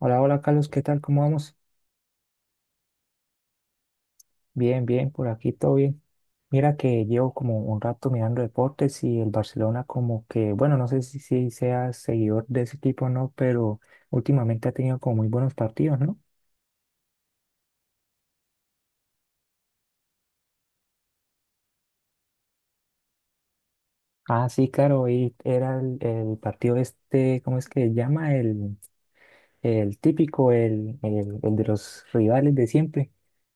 Hola, hola Carlos, ¿qué tal? ¿Cómo vamos? Bien, bien, por aquí todo bien. Mira que llevo como un rato mirando deportes y el Barcelona como que, bueno, no sé si sea seguidor de ese equipo o no, pero últimamente ha tenido como muy buenos partidos, ¿no? Ah, sí, claro, y era el partido este, ¿cómo es que se llama? El típico, el de los rivales de siempre.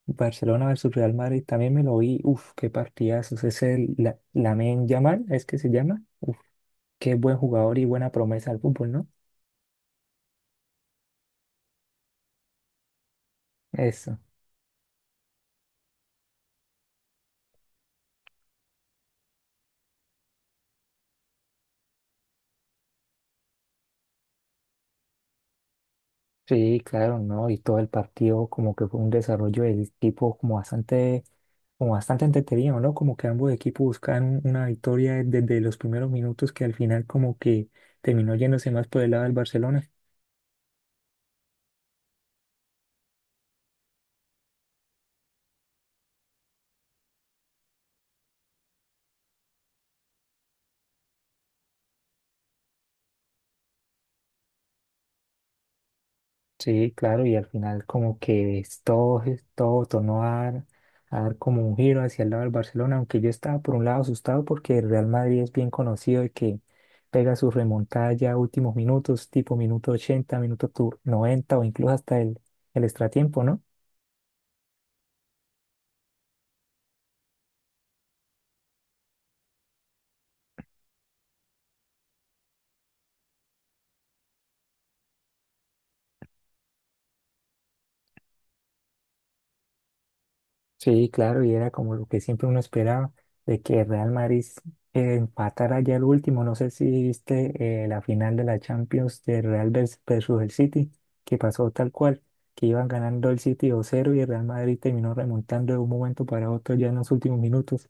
Barcelona versus Real Madrid, también me lo vi, uf, qué partidazos, es el la, Lamine Yamal, es que se llama. Qué buen jugador y buena promesa al fútbol, ¿no? Eso. Sí, claro, ¿no? Y todo el partido como que fue un desarrollo del equipo como bastante entretenido, ¿no? Como que ambos equipos buscaban una victoria desde los primeros minutos que al final como que terminó yéndose más por el lado del Barcelona. Sí, claro, y al final como que es todo tornó a dar como un giro hacia el lado del Barcelona, aunque yo estaba por un lado asustado porque el Real Madrid es bien conocido de que pega su remontada ya a últimos minutos, tipo minuto 80, 90 o incluso hasta el extratiempo, ¿no? Sí, claro, y era como lo que siempre uno esperaba, de que Real Madrid empatara ya el último. No sé si viste la final de la Champions de versus el City, que pasó tal cual, que iban ganando el City dos cero y el Real Madrid terminó remontando de un momento para otro ya en los últimos minutos.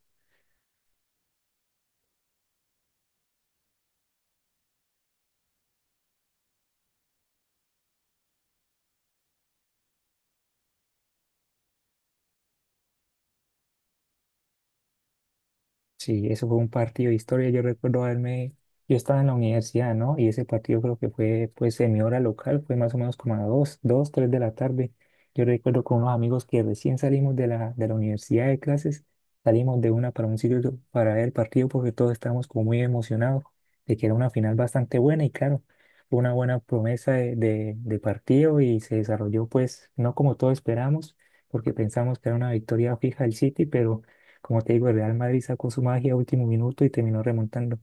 Sí, eso fue un partido de historia. Yo recuerdo haberme, yo estaba en la universidad, ¿no? Y ese partido creo que fue, pues, en mi hora local, fue más o menos como a dos, dos, tres de la tarde. Yo recuerdo con unos amigos que recién salimos de la universidad de clases, salimos de una para un sitio para ver el partido porque todos estábamos como muy emocionados de que era una final bastante buena y claro, fue una buena promesa de partido y se desarrolló, pues, no como todos esperamos, porque pensamos que era una victoria fija del City, pero como te digo, el Real Madrid sacó su magia a último minuto y terminó remontando.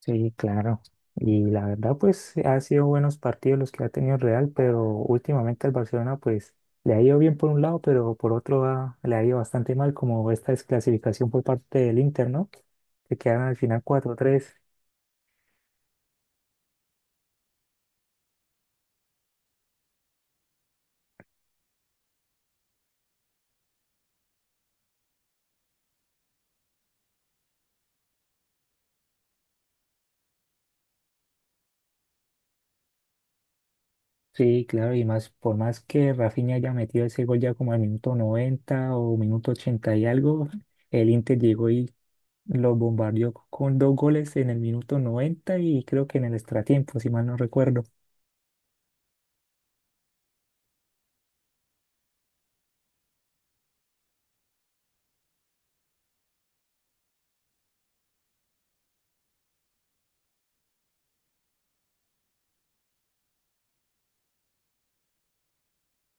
Sí, claro. Y la verdad, pues ha sido buenos partidos los que ha tenido el Real, pero últimamente al Barcelona, pues le ha ido bien por un lado, pero por otro le ha ido bastante mal, como esta desclasificación por parte del Inter, ¿no? Que quedaron al final cuatro tres. Sí, claro, y más, por más que Rafinha haya metido ese gol ya como al minuto 90 o minuto 80 y algo, el Inter llegó y lo bombardeó con dos goles en el minuto 90 y creo que en el extratiempo, si mal no recuerdo.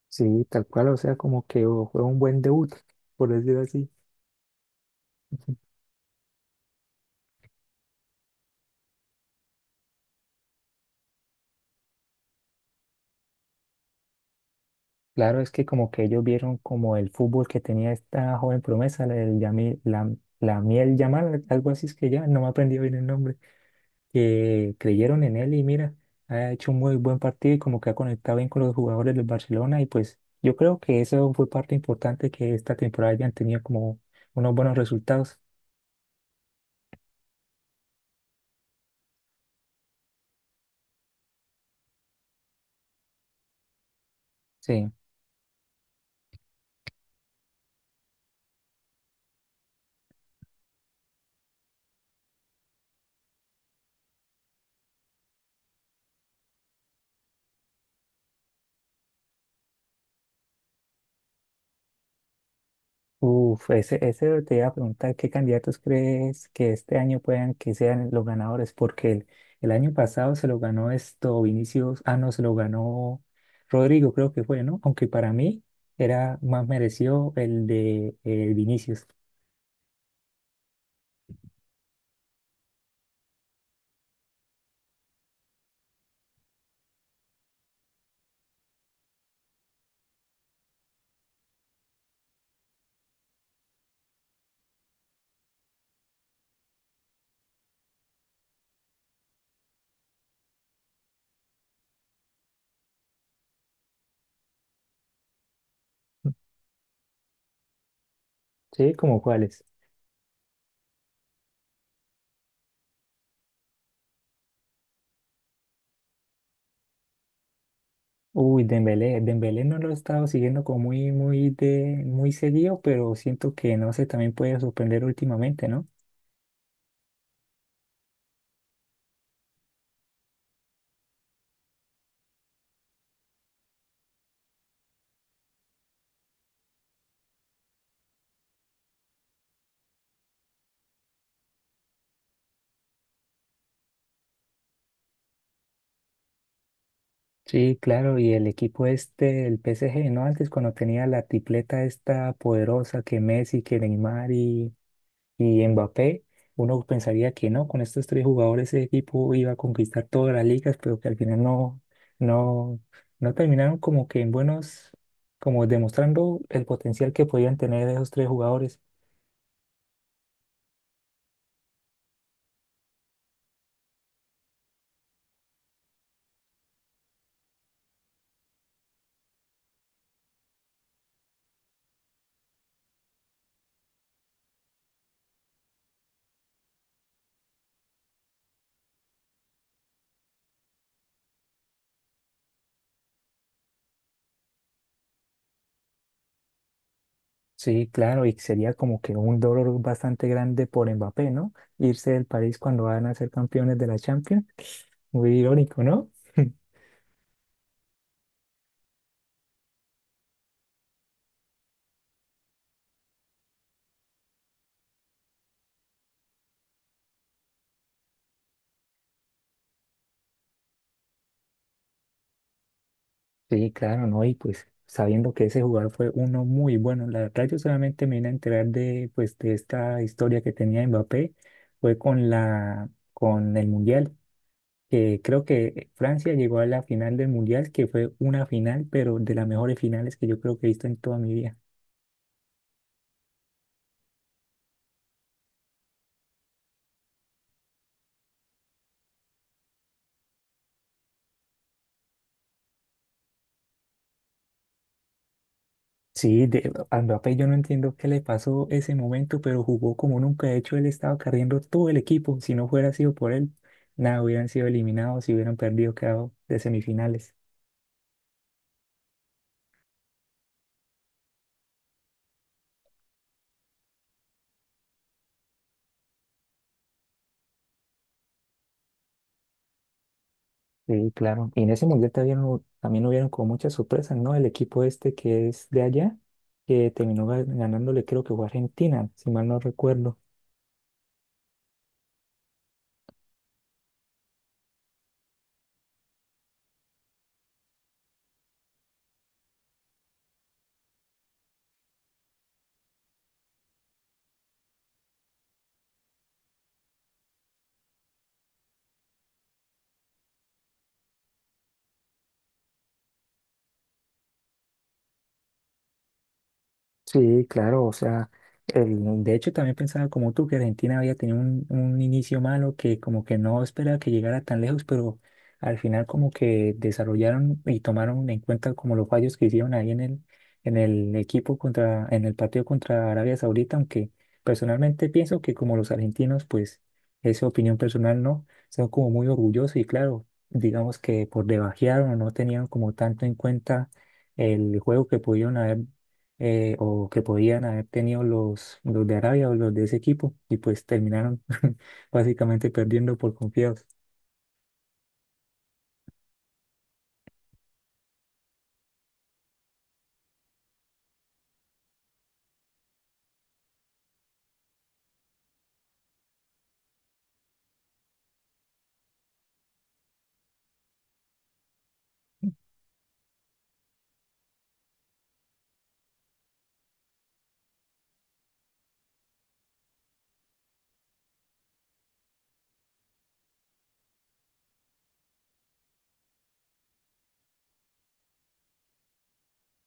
Sí, tal cual, o sea, como que oh, fue un buen debut, por decirlo así. Claro, es que como que ellos vieron como el fútbol que tenía esta joven promesa, la del Yamil, la, la Miel Yamal, algo así es que ya, no me he aprendido bien el nombre. Que creyeron en él y mira, ha hecho un muy buen partido y como que ha conectado bien con los jugadores del Barcelona y pues yo creo que eso fue parte importante que esta temporada hayan tenido como unos buenos resultados. Sí. Uf, ese te iba a preguntar, ¿qué candidatos crees que este año puedan que sean los ganadores? Porque el año pasado se lo ganó esto Vinicius, ah, no, se lo ganó Rodrigo, creo que fue, ¿no? Aunque para mí era más merecido el de Vinicius. Sí, como cuáles. Uy, Dembélé no lo he estado siguiendo como muy, muy seguido, pero siento que no sé, también puede sorprender últimamente, ¿no? Sí, claro, y el equipo este, el PSG, ¿no? Antes cuando tenía la tripleta esta poderosa que Messi, que Neymar y Mbappé, uno pensaría que no, con estos tres jugadores ese equipo iba a conquistar todas las ligas, pero que al final no, no terminaron como que en buenos, como demostrando el potencial que podían tener esos tres jugadores. Sí, claro, y sería como que un dolor bastante grande por Mbappé, ¿no? Irse del país cuando van a ser campeones de la Champions. Muy irónico, ¿no? Sí, claro, ¿no? Y pues sabiendo que ese jugador fue uno muy bueno, la verdad yo solamente me vine a enterar de, pues, de esta historia que tenía Mbappé, fue con la, con el Mundial, que creo que Francia llegó a la final del Mundial, que fue una final, pero de las mejores finales que yo creo que he visto en toda mi vida. Sí, de, a Mbappé yo no entiendo qué le pasó ese momento, pero jugó como nunca. De hecho, él estaba carriendo todo el equipo. Si no hubiera sido por él, nada, hubieran sido eliminados y hubieran perdido, quedado de semifinales. Sí, claro. Y en ese mundial también, también hubieron como muchas sorpresas, ¿no? El equipo este que es de allá, que terminó ganándole, creo que fue Argentina, si mal no recuerdo. Sí, claro, o sea, de hecho también pensaba como tú que Argentina había tenido un inicio malo que como que no esperaba que llegara tan lejos, pero al final como que desarrollaron y tomaron en cuenta como los fallos que hicieron ahí en en el equipo contra, en el partido contra Arabia Saudita, aunque personalmente pienso que como los argentinos, pues esa opinión personal no, son como muy orgullosos y claro, digamos que por debajearon o no tenían como tanto en cuenta el juego que pudieron haber o que podían haber tenido los de Arabia o los de ese equipo y pues terminaron básicamente perdiendo por confiados.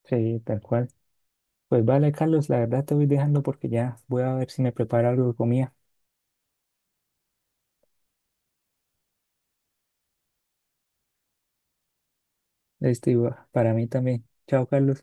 Sí, tal cual. Pues vale, Carlos, la verdad te voy dejando porque ya voy a ver si me preparo algo de comida. Este, y para mí también. Chao, Carlos.